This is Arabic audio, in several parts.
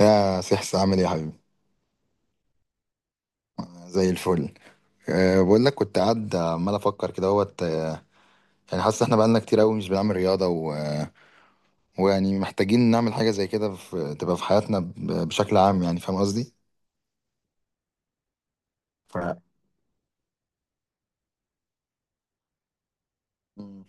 يا سحس، عامل ايه يا حبيبي؟ زي الفل. بقول لك كنت قاعد عمال افكر كده اهوت. يعني حاسس احنا بقالنا كتير قوي مش بنعمل رياضه ويعني محتاجين نعمل حاجه زي كده تبقى في حياتنا بشكل عام، يعني فاهم قصدي؟ ف... مم.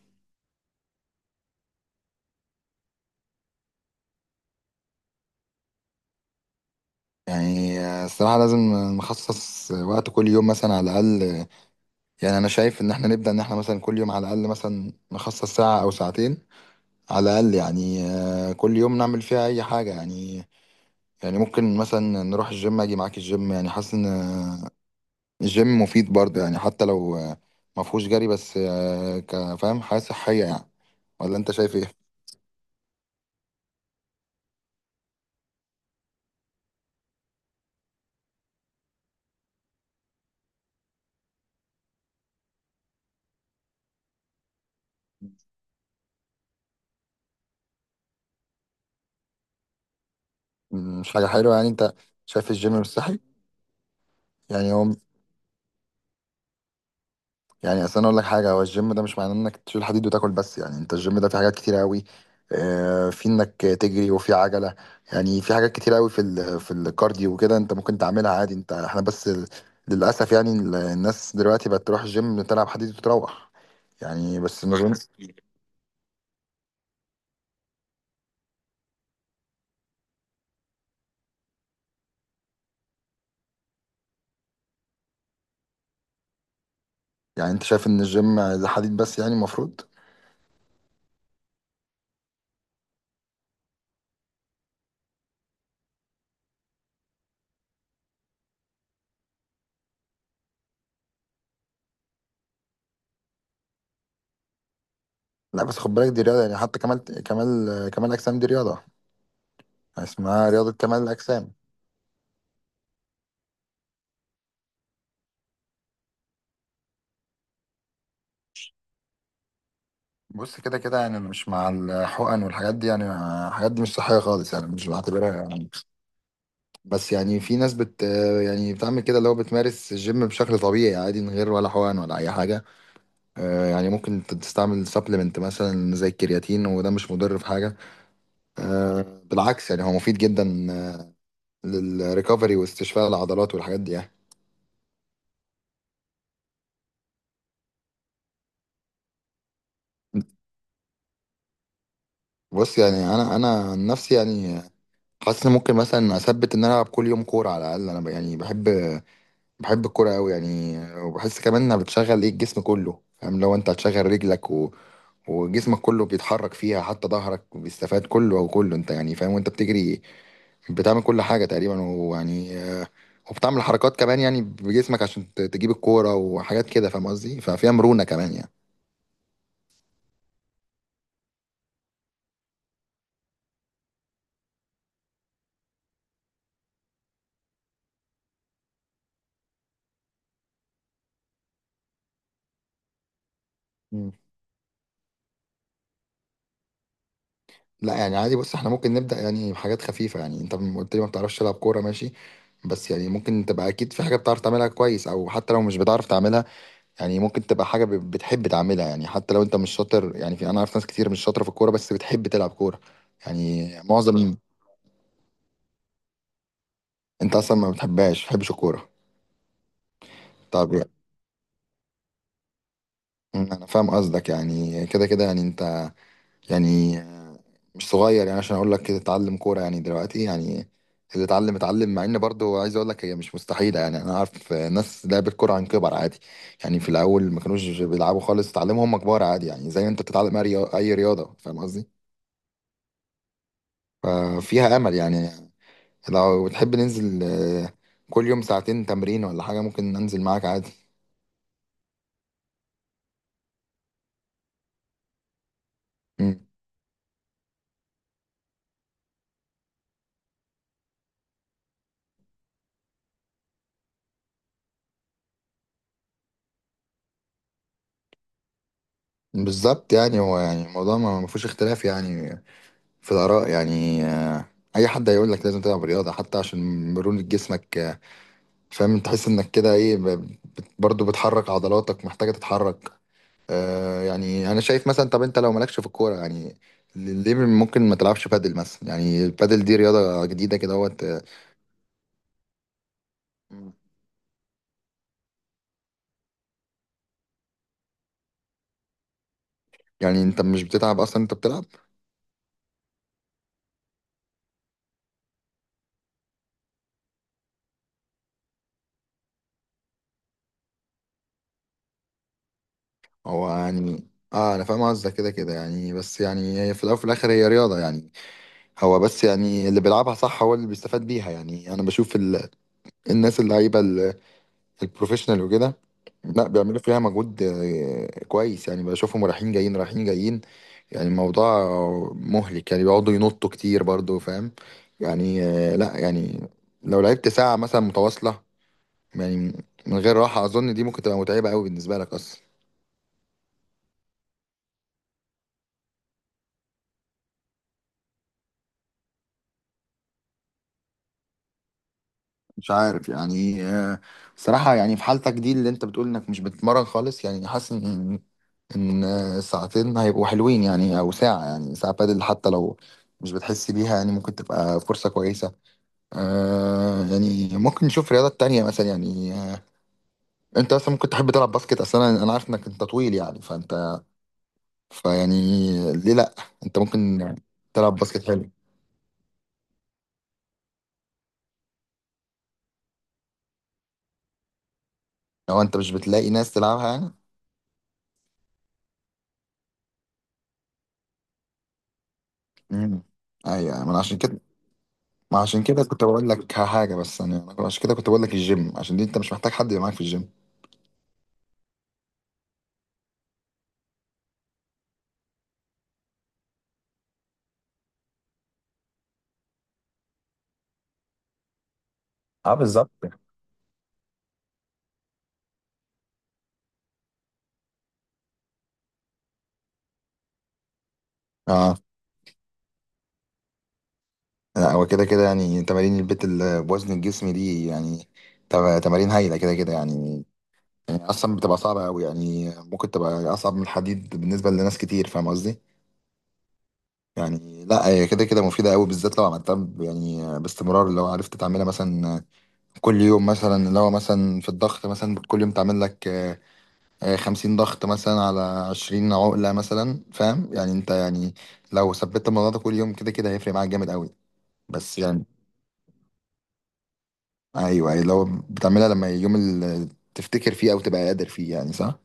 يعني الصراحه لازم نخصص وقت كل يوم مثلا على الاقل. يعني انا شايف ان احنا نبدا ان احنا مثلا كل يوم على الاقل مثلا نخصص ساعه او ساعتين على الاقل، يعني كل يوم نعمل فيها اي حاجه، يعني. يعني ممكن مثلا نروح الجيم، اجي معاك الجيم. يعني حاسس ان الجيم مفيد برضه، يعني حتى لو ما فيهوش جري، بس كفاهم حاجة صحية، يعني. ولا انت شايف ايه؟ مم، مش حاجة حلوة يعني. انت شايف الجيم مش صحي؟ يعني هو، يعني اصل انا اقول لك حاجة، هو الجيم ده مش معناه انك تشيل حديد وتاكل بس، يعني انت الجيم ده فيه حاجات كتير قوي. في انك تجري وفي عجلة، يعني في حاجات كتير قوي في في الكارديو وكده، انت ممكن تعملها عادي. انت احنا بس للأسف يعني الناس دلوقتي بقت تروح الجيم تلعب حديد وتروح، يعني. بس ما اظنش. يعني انت شايف ان الجيم ده حديد بس؟ يعني المفروض لا. بس خد بالك دي رياضه، يعني حتى كمال الاجسام دي رياضه. يعني اسمها رياضه كمال الاجسام. بص، كده كده يعني انا مش مع الحقن والحاجات دي، يعني. الحاجات دي مش صحيه خالص، يعني مش بعتبرها، يعني. بس يعني في ناس يعني بتعمل كده، اللي هو بتمارس الجيم بشكل طبيعي عادي من غير ولا حقن ولا اي حاجه. يعني ممكن تستعمل سبلمنت مثلا زي الكرياتين، وده مش مضر في حاجه. بالعكس يعني هو مفيد جدا للريكفري واستشفاء العضلات والحاجات دي، يعني. بص، يعني انا عن نفسي، يعني حاسس ان ممكن مثلا اثبت ان انا العب كل يوم كوره على الاقل. انا يعني بحب الكوره قوي، يعني. وبحس كمان انها بتشغل ايه الجسم كله، فاهم؟ لو انت هتشغل رجلك وجسمك كله بيتحرك فيها، حتى ظهرك بيستفاد كله او كله، انت يعني فاهم. وانت بتجري بتعمل كل حاجه تقريبا، ويعني وبتعمل حركات كمان يعني بجسمك عشان تجيب الكوره وحاجات كده، فاهم قصدي؟ ففيها مرونه كمان، يعني. لا يعني عادي. بص، احنا ممكن نبدأ يعني بحاجات خفيفة. يعني انت قلت لي ما بتعرفش تلعب كورة، ماشي. بس يعني ممكن تبقى اكيد في حاجة بتعرف تعملها كويس، او حتى لو مش بتعرف تعملها يعني ممكن تبقى حاجة بتحب تعملها. يعني حتى لو انت مش شاطر، يعني في، انا عارف ناس كتير مش شاطرة في الكورة بس بتحب تلعب كورة. يعني معظم، انت اصلا ما بتحبهاش، ما بتحبش الكورة. طب يعني انا فاهم قصدك، يعني كده كده يعني انت يعني مش صغير يعني عشان اقول لك كده اتعلم كوره يعني دلوقتي. يعني اللي اتعلم اتعلم، مع ان برضه عايز اقول لك هي مش مستحيله. يعني انا عارف ناس لعبت كوره عن كبر عادي، يعني في الاول ما كانوش بيلعبوا خالص، اتعلموا هم كبار عادي. يعني زي انت بتتعلم اي رياضه، أي رياضة، فاهم قصدي؟ فيها امل يعني. لو تحب ننزل كل يوم ساعتين تمرين ولا حاجه، ممكن ننزل معاك عادي. مم. بالظبط، يعني هو يعني الموضوع ما فيهوش اختلاف يعني في الآراء. يعني أي حد هيقول لك لازم تلعب رياضة حتى عشان مرونة جسمك. فاهم، تحس إنك كده إيه، برضو بتحرك عضلاتك محتاجة تتحرك. يعني أنا شايف مثلا، طب أنت لو مالكش في الكورة، يعني ليه ممكن ما تلعبش بادل مثلا؟ يعني البادل دي رياضة جديدة كده اهوت. يعني أنت مش بتتعب أصلا، أنت بتلعب. هو يعني اه انا فاهم قصدك، كده كده يعني. بس يعني هي في الاول وفي الاخر هي رياضه، يعني. هو بس يعني اللي بيلعبها صح هو اللي بيستفاد بيها، يعني. انا بشوف الناس اللعيبه البروفيشنال وكده، لا بيعملوا فيها مجهود كويس. يعني بشوفهم رايحين جايين رايحين جايين، يعني الموضوع مهلك، يعني بيقعدوا ينطوا كتير برضو، فاهم؟ يعني لا يعني لو لعبت ساعة مثلا متواصلة، يعني من غير راحة، أظن دي ممكن تبقى متعبة قوي بالنسبة لك أصلا. مش عارف يعني، صراحة يعني في حالتك دي اللي أنت بتقول إنك مش بتتمرن خالص، يعني حاسس إن ان ساعتين هيبقوا حلوين، يعني او ساعة. يعني ساعة بادل حتى لو مش بتحسي بيها، يعني ممكن تبقى فرصة كويسة. آه، يعني ممكن نشوف رياضة تانية مثلا. يعني انت مثلا ممكن تحب تلعب باسكت اصلا. أنا عارف انك انت طويل، يعني فانت فيعني ليه لا؟ انت ممكن تلعب باسكت حلو، لو انت مش بتلاقي ناس تلعبها يعني. امم. ايوه يعني ما أنا عشان كده، ما عشان كده كنت بقول لك حاجة. بس يعني أنا عشان كده كنت بقول لك الجيم عشان دي انت مش محتاج حد يبقى معاك في الجيم. اه بالظبط. لا هو كده كده يعني، تمارين البيت اللي بوزن الجسم دي يعني تمارين هايلة كده كده، يعني. يعني أصلا بتبقى صعبة أوي، يعني ممكن تبقى أصعب من الحديد بالنسبة لناس كتير، فاهم قصدي؟ يعني لا هي كده كده مفيدة أوي، بالذات لو عملتها يعني باستمرار. لو عرفت تعملها مثلا كل يوم، مثلا لو مثلا في الضغط مثلا كل يوم تعمل لك 50 ضغط مثلا، على 20 عقلة مثلا، فاهم؟ يعني أنت يعني لو ثبت الموضوع ده كل يوم، كده كده هيفرق معاك جامد أوي. بس يعني ايوه، ايوه، لو بتعملها لما يوم اللي تفتكر فيه او تبقى قادر فيه، يعني صح.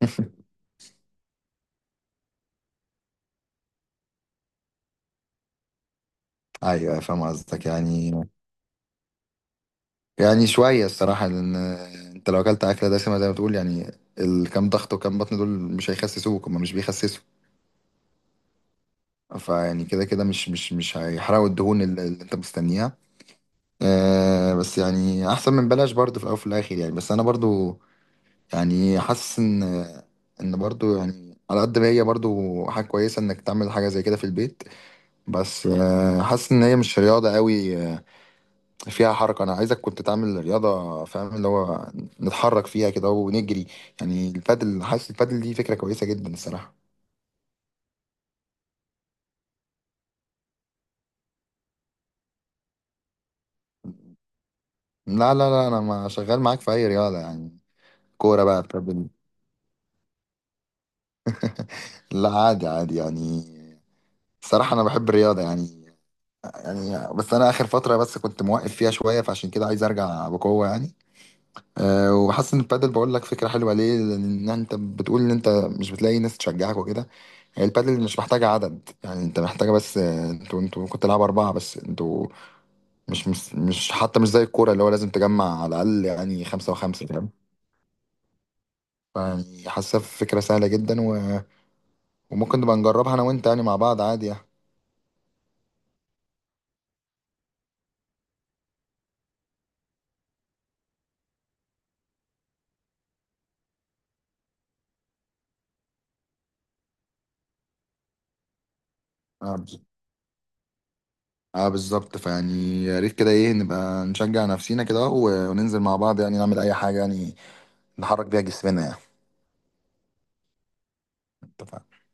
ايوه فاهم قصدك، يعني. يعني شويه الصراحه، لان انت لو اكلت اكله دسمه زي ما بتقول، يعني الكام ضغط وكام بطن دول مش هيخسسوك، هما مش بيخسسوا. فيعني كده كده مش هيحرقوا الدهون اللي انت مستنيها. أه بس يعني احسن من بلاش برضه في الاول وفي الاخر، يعني. بس انا برضه يعني حاسس ان برضه يعني على قد ما هي برضه حاجه كويسه انك تعمل حاجه زي كده في البيت، بس حاسس ان هي مش رياضه قوي. فيها حركه. انا عايزك كنت تعمل رياضه، فاهم؟ اللي هو نتحرك فيها كده ونجري. يعني البادل، حاسس البادل دي فكره كويسه جدا الصراحه. لا لا لا، انا ما شغال معاك في اي رياضه، يعني كوره بقى بادل. لا عادي عادي، يعني الصراحه انا بحب الرياضه، يعني. يعني بس انا اخر فتره بس كنت موقف فيها شويه، فعشان كده عايز ارجع بقوه يعني. أه وحاسس ان البادل، بقول لك فكره حلوه ليه، لان انت بتقول ان انت مش بتلاقي ناس تشجعك وكده. هي البادل مش محتاجة عدد، يعني انت محتاجة بس. انتوا ممكن تلعبوا أربعة بس. انتوا مش حتى مش زي الكورة اللي هو لازم تجمع على الأقل يعني خمسة وخمسة، فاهم؟ يعني حاسة فكرة سهلة جدا وممكن نبقى نجربها أنا وأنت، يعني مع بعض عادي يعني. اه بز- بالظبط. فيعني يا ريت كده إيه نبقى نشجع نفسينا كده وننزل مع بعض، يعني نعمل أي حاجة، يعني نحرك بيها جسمنا، يعني. اتفقنا.